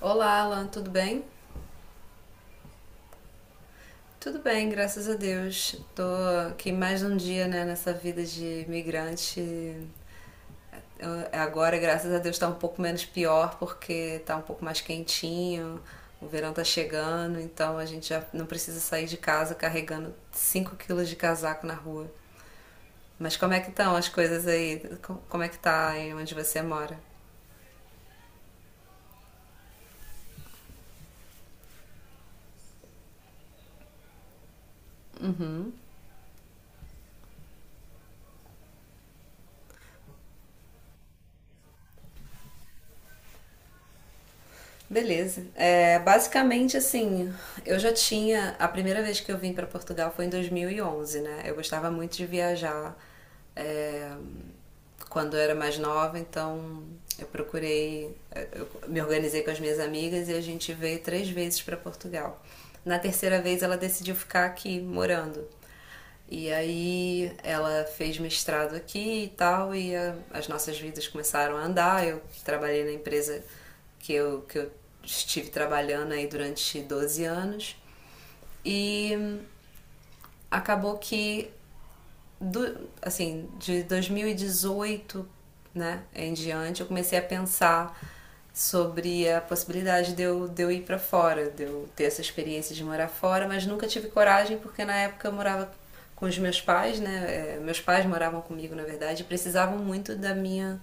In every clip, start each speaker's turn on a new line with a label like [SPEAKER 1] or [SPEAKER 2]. [SPEAKER 1] Olá, Alan, tudo bem? Tudo bem, graças a Deus. Tô aqui mais um dia, né, nessa vida de imigrante. Agora, graças a Deus, tá um pouco menos pior porque tá um pouco mais quentinho. O verão tá chegando, então a gente já não precisa sair de casa carregando 5 quilos de casaco na rua. Mas como é que estão as coisas aí? Como é que tá aí onde você mora? Beleza. É, basicamente, assim, eu já tinha. A primeira vez que eu vim para Portugal foi em 2011, né? Eu gostava muito de viajar é, quando eu era mais nova, então eu procurei. Eu me organizei com as minhas amigas e a gente veio três vezes para Portugal. Na terceira vez, ela decidiu ficar aqui morando. E aí ela fez mestrado aqui e tal, e as nossas vidas começaram a andar. Eu trabalhei na empresa que eu estive trabalhando aí durante 12 anos, e acabou que de 2018 né, em diante, eu comecei a pensar sobre a possibilidade de eu ir para fora, de eu ter essa experiência de morar fora, mas nunca tive coragem porque na época eu morava com os meus pais, né? É, meus pais moravam comigo, na verdade, e precisavam muito da minha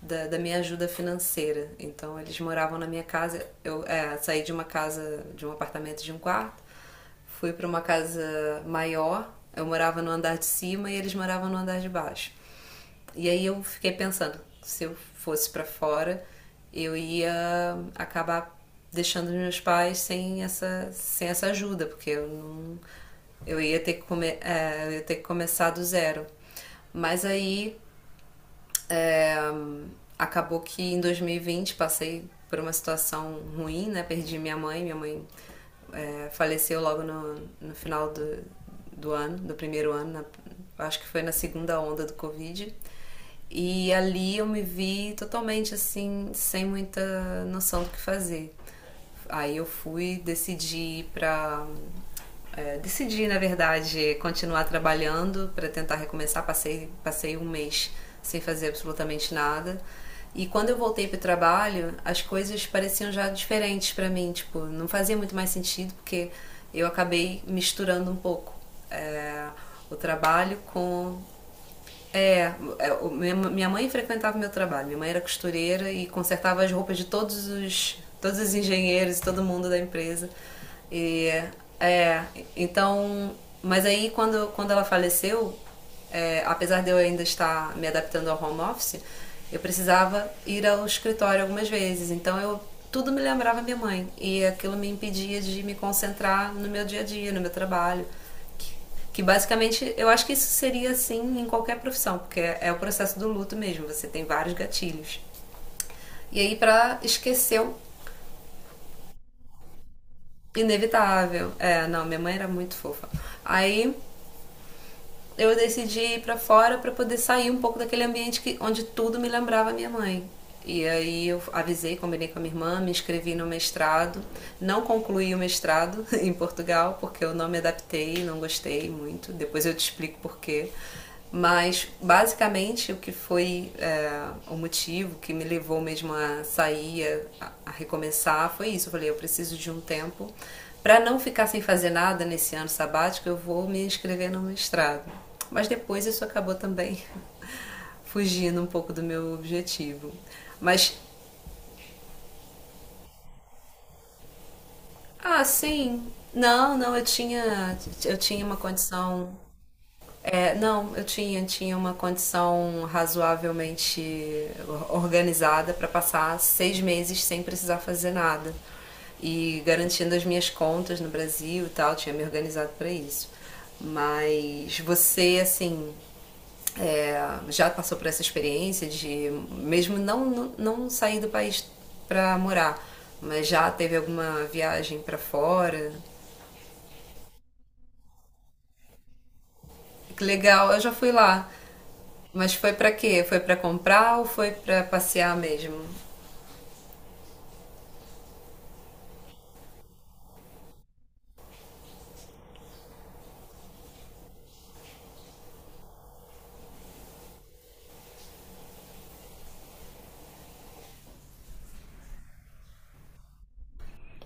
[SPEAKER 1] da, da, minha ajuda financeira. Então eles moravam na minha casa, eu saí de uma casa, de um apartamento de um quarto. Fui para uma casa maior, eu morava no andar de cima e eles moravam no andar de baixo. E aí eu fiquei pensando, se eu fosse para fora, eu ia acabar deixando os meus pais sem essa ajuda, porque eu não, eu ia ter que começar do zero. Mas aí é, acabou que em 2020 passei por uma situação ruim, né? Perdi minha mãe faleceu logo no final do ano, do primeiro ano, acho que foi na segunda onda do Covid. E ali eu me vi totalmente assim, sem muita noção do que fazer. Aí eu fui, decidi decidi, na verdade, continuar trabalhando para tentar recomeçar. Passei um mês sem fazer absolutamente nada. E quando eu voltei para o trabalho, as coisas pareciam já diferentes para mim. Tipo, não fazia muito mais sentido porque eu acabei misturando um pouco é, o trabalho com é, é, minha mãe frequentava o meu trabalho. Minha mãe era costureira e consertava as roupas de todos os engenheiros e todo mundo da empresa. E é, então, mas aí quando ela faleceu, apesar de eu ainda estar me adaptando ao home office, eu precisava ir ao escritório algumas vezes. Então eu tudo me lembrava minha mãe e aquilo me impedia de me concentrar no meu dia a dia, no meu trabalho que basicamente, eu acho que isso seria assim em qualquer profissão, porque é o processo do luto mesmo, você tem vários gatilhos. E aí, pra esquecer o inevitável. É, não, minha mãe era muito fofa. Aí eu decidi ir pra fora pra poder sair um pouco daquele ambiente onde tudo me lembrava minha mãe. E aí eu avisei, combinei com a minha irmã, me inscrevi no mestrado. Não concluí o mestrado em Portugal, porque eu não me adaptei, não gostei muito. Depois eu te explico porquê. Mas basicamente o que foi o motivo que me levou mesmo a sair, a recomeçar, foi isso. Eu falei, eu preciso de um tempo para não ficar sem fazer nada nesse ano sabático. Eu vou me inscrever no mestrado. Mas depois isso acabou também fugindo um pouco do meu objetivo. Mas ah, sim, não, não, eu tinha uma condição. É, não, eu tinha uma condição razoavelmente organizada para passar 6 meses sem precisar fazer nada e garantindo as minhas contas no Brasil e tal, tinha me organizado para isso. Mas você, assim, é, já passou por essa experiência de, mesmo não sair do país para morar, mas já teve alguma viagem para fora? Que legal, eu já fui lá. Mas foi pra quê? Foi pra comprar ou foi pra passear mesmo?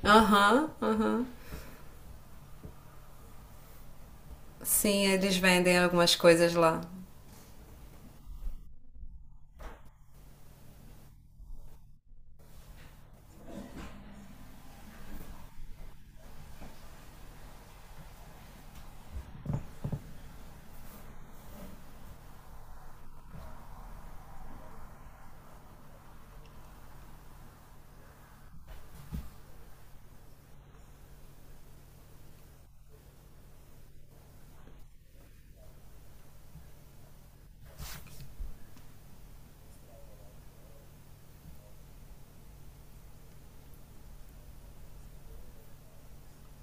[SPEAKER 1] Aham, aham. Sim, eles vendem algumas coisas lá.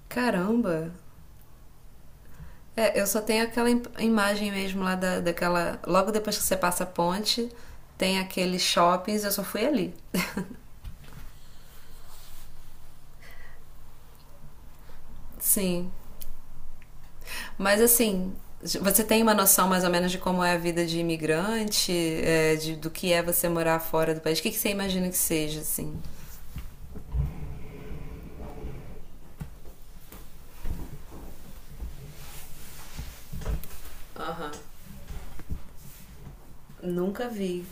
[SPEAKER 1] Caramba! É, eu só tenho aquela imagem mesmo lá daquela. Logo depois que você passa a ponte, tem aqueles shoppings, eu só fui ali. Sim. Mas assim, você tem uma noção mais ou menos de como é a vida de imigrante, do que é você morar fora do país? O que, que você imagina que seja, assim? Aham. Nunca vi.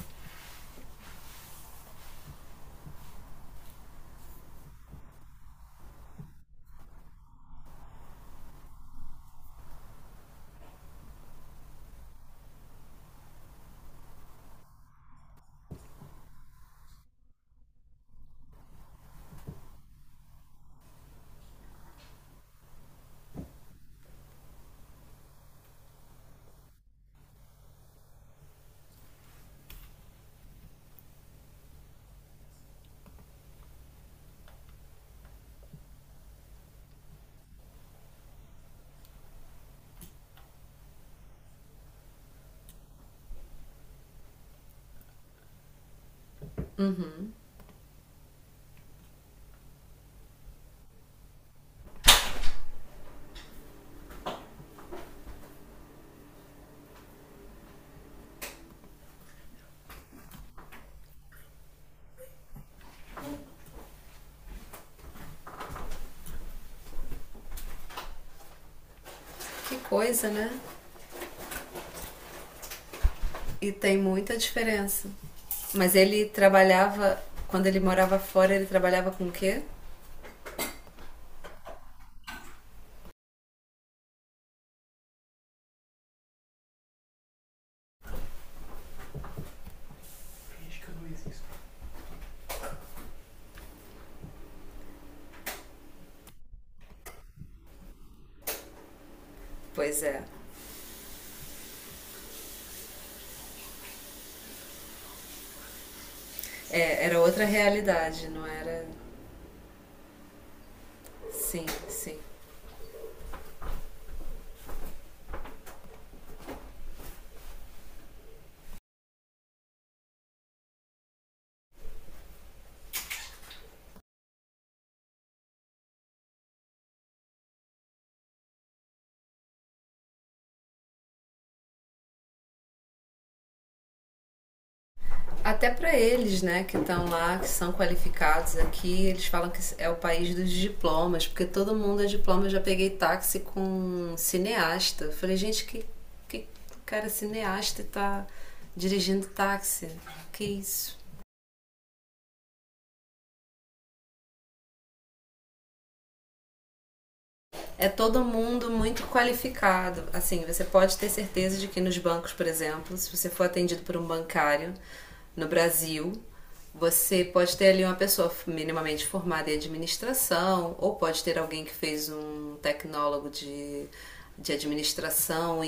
[SPEAKER 1] Que coisa, né? E tem muita diferença. Mas ele trabalhava, quando ele morava fora, ele trabalhava com o quê? Pois é. Era outra realidade, não era? Sim, sim. Até para eles, né, que estão lá, que são qualificados aqui, eles falam que é o país dos diplomas, porque todo mundo é diploma. Eu já peguei táxi com um cineasta. Eu falei, gente, que cara cineasta e tá dirigindo táxi? Que isso? É todo mundo muito qualificado. Assim, você pode ter certeza de que nos bancos, por exemplo, se você for atendido por um bancário no Brasil, você pode ter ali uma pessoa minimamente formada em administração, ou pode ter alguém que fez um tecnólogo de administração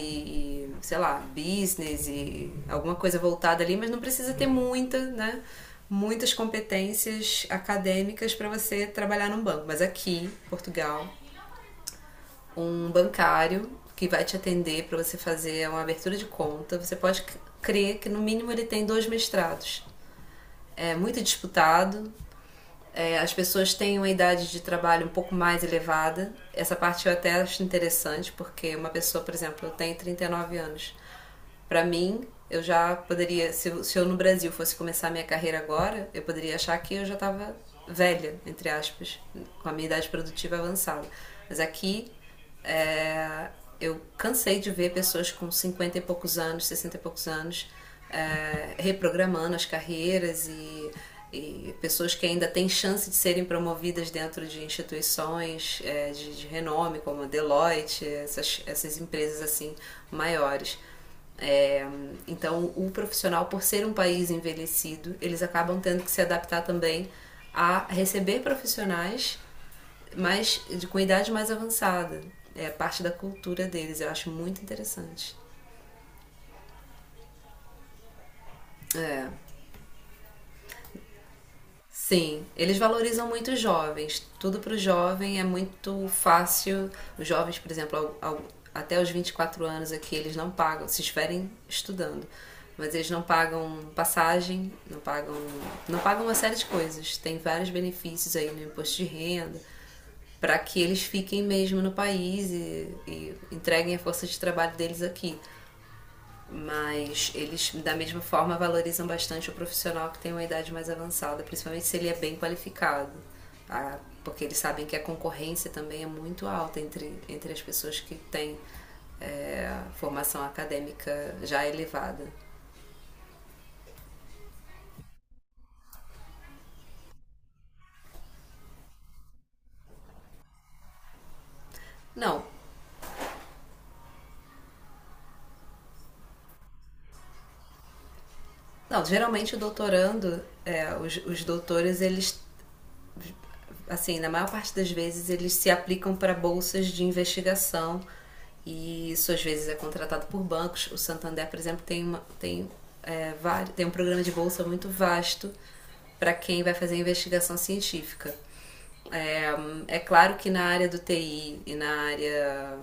[SPEAKER 1] e, sei lá, business e alguma coisa voltada ali, mas não precisa ter muita, né? Muitas competências acadêmicas para você trabalhar num banco. Mas aqui, Portugal, um bancário que vai te atender para você fazer uma abertura de conta. Você pode crer que no mínimo ele tem dois mestrados. É muito disputado. As pessoas têm uma idade de trabalho um pouco mais elevada. Essa parte eu até acho interessante, porque uma pessoa, por exemplo, eu tenho 39 anos. Para mim, eu já poderia, se eu no Brasil fosse começar a minha carreira agora, eu poderia achar que eu já estava velha, entre aspas, com a minha idade produtiva avançada. Mas aqui é, eu cansei de ver pessoas com 50 e poucos anos, 60 e poucos anos, reprogramando as carreiras e pessoas que ainda têm chance de serem promovidas dentro de instituições de renome, como a Deloitte, essas empresas assim maiores. É, então, o profissional, por ser um país envelhecido, eles acabam tendo que se adaptar também a receber profissionais mas com idade mais avançada. É parte da cultura deles, eu acho muito interessante. É. Sim, eles valorizam muito os jovens. Tudo para o jovem é muito fácil. Os jovens, por exemplo, até os 24 anos aqui, eles não pagam, se estiverem estudando. Mas eles não pagam passagem, não pagam uma série de coisas. Tem vários benefícios aí no imposto de renda para que eles fiquem mesmo no país e entreguem a força de trabalho deles aqui. Mas eles, da mesma forma, valorizam bastante o profissional que tem uma idade mais avançada, principalmente se ele é bem qualificado. Tá? Porque eles sabem que a concorrência também é muito alta entre as pessoas que têm formação acadêmica já elevada. Não, não geralmente o doutorando, os doutores, eles assim, na maior parte das vezes eles se aplicam para bolsas de investigação e isso às vezes é contratado por bancos. O Santander, por exemplo, tem, uma, tem, é, vários, tem um programa de bolsa muito vasto para quem vai fazer investigação científica. É, claro que na área do TI e na área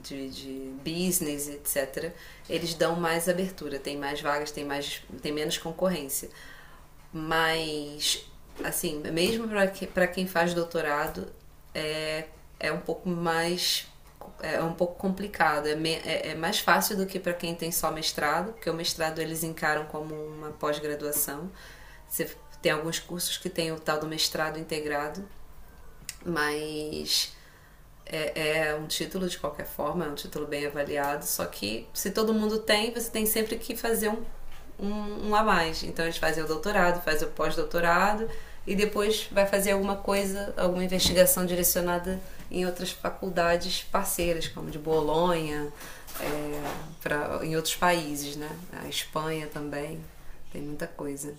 [SPEAKER 1] de business, etc., eles dão mais abertura, tem mais vagas, tem menos concorrência. Mas, assim, mesmo para quem faz doutorado, é, é um pouco mais. É um pouco complicado, é mais fácil do que para quem tem só mestrado, porque o mestrado eles encaram como uma pós-graduação. Você tem alguns cursos que tem o tal do mestrado integrado, mas é um título de qualquer forma, é um título bem avaliado, só que se todo mundo tem, você tem sempre que fazer um a mais. Então eles fazem o doutorado, fazem o pós-doutorado e depois vai fazer alguma coisa, alguma investigação direcionada em outras faculdades parceiras, como de Bolonha, é, em outros países, né? A Espanha também, tem muita coisa.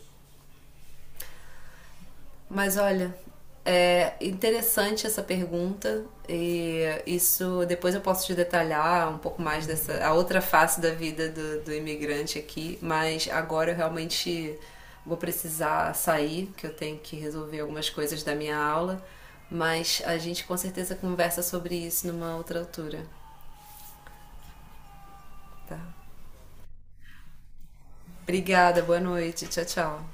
[SPEAKER 1] Mas olha, é interessante essa pergunta e isso depois eu posso te detalhar um pouco mais dessa a outra face da vida do imigrante aqui, mas agora eu realmente vou precisar sair, que eu tenho que resolver algumas coisas da minha aula, mas a gente com certeza conversa sobre isso numa outra altura, tá? Obrigada, boa noite, tchau, tchau.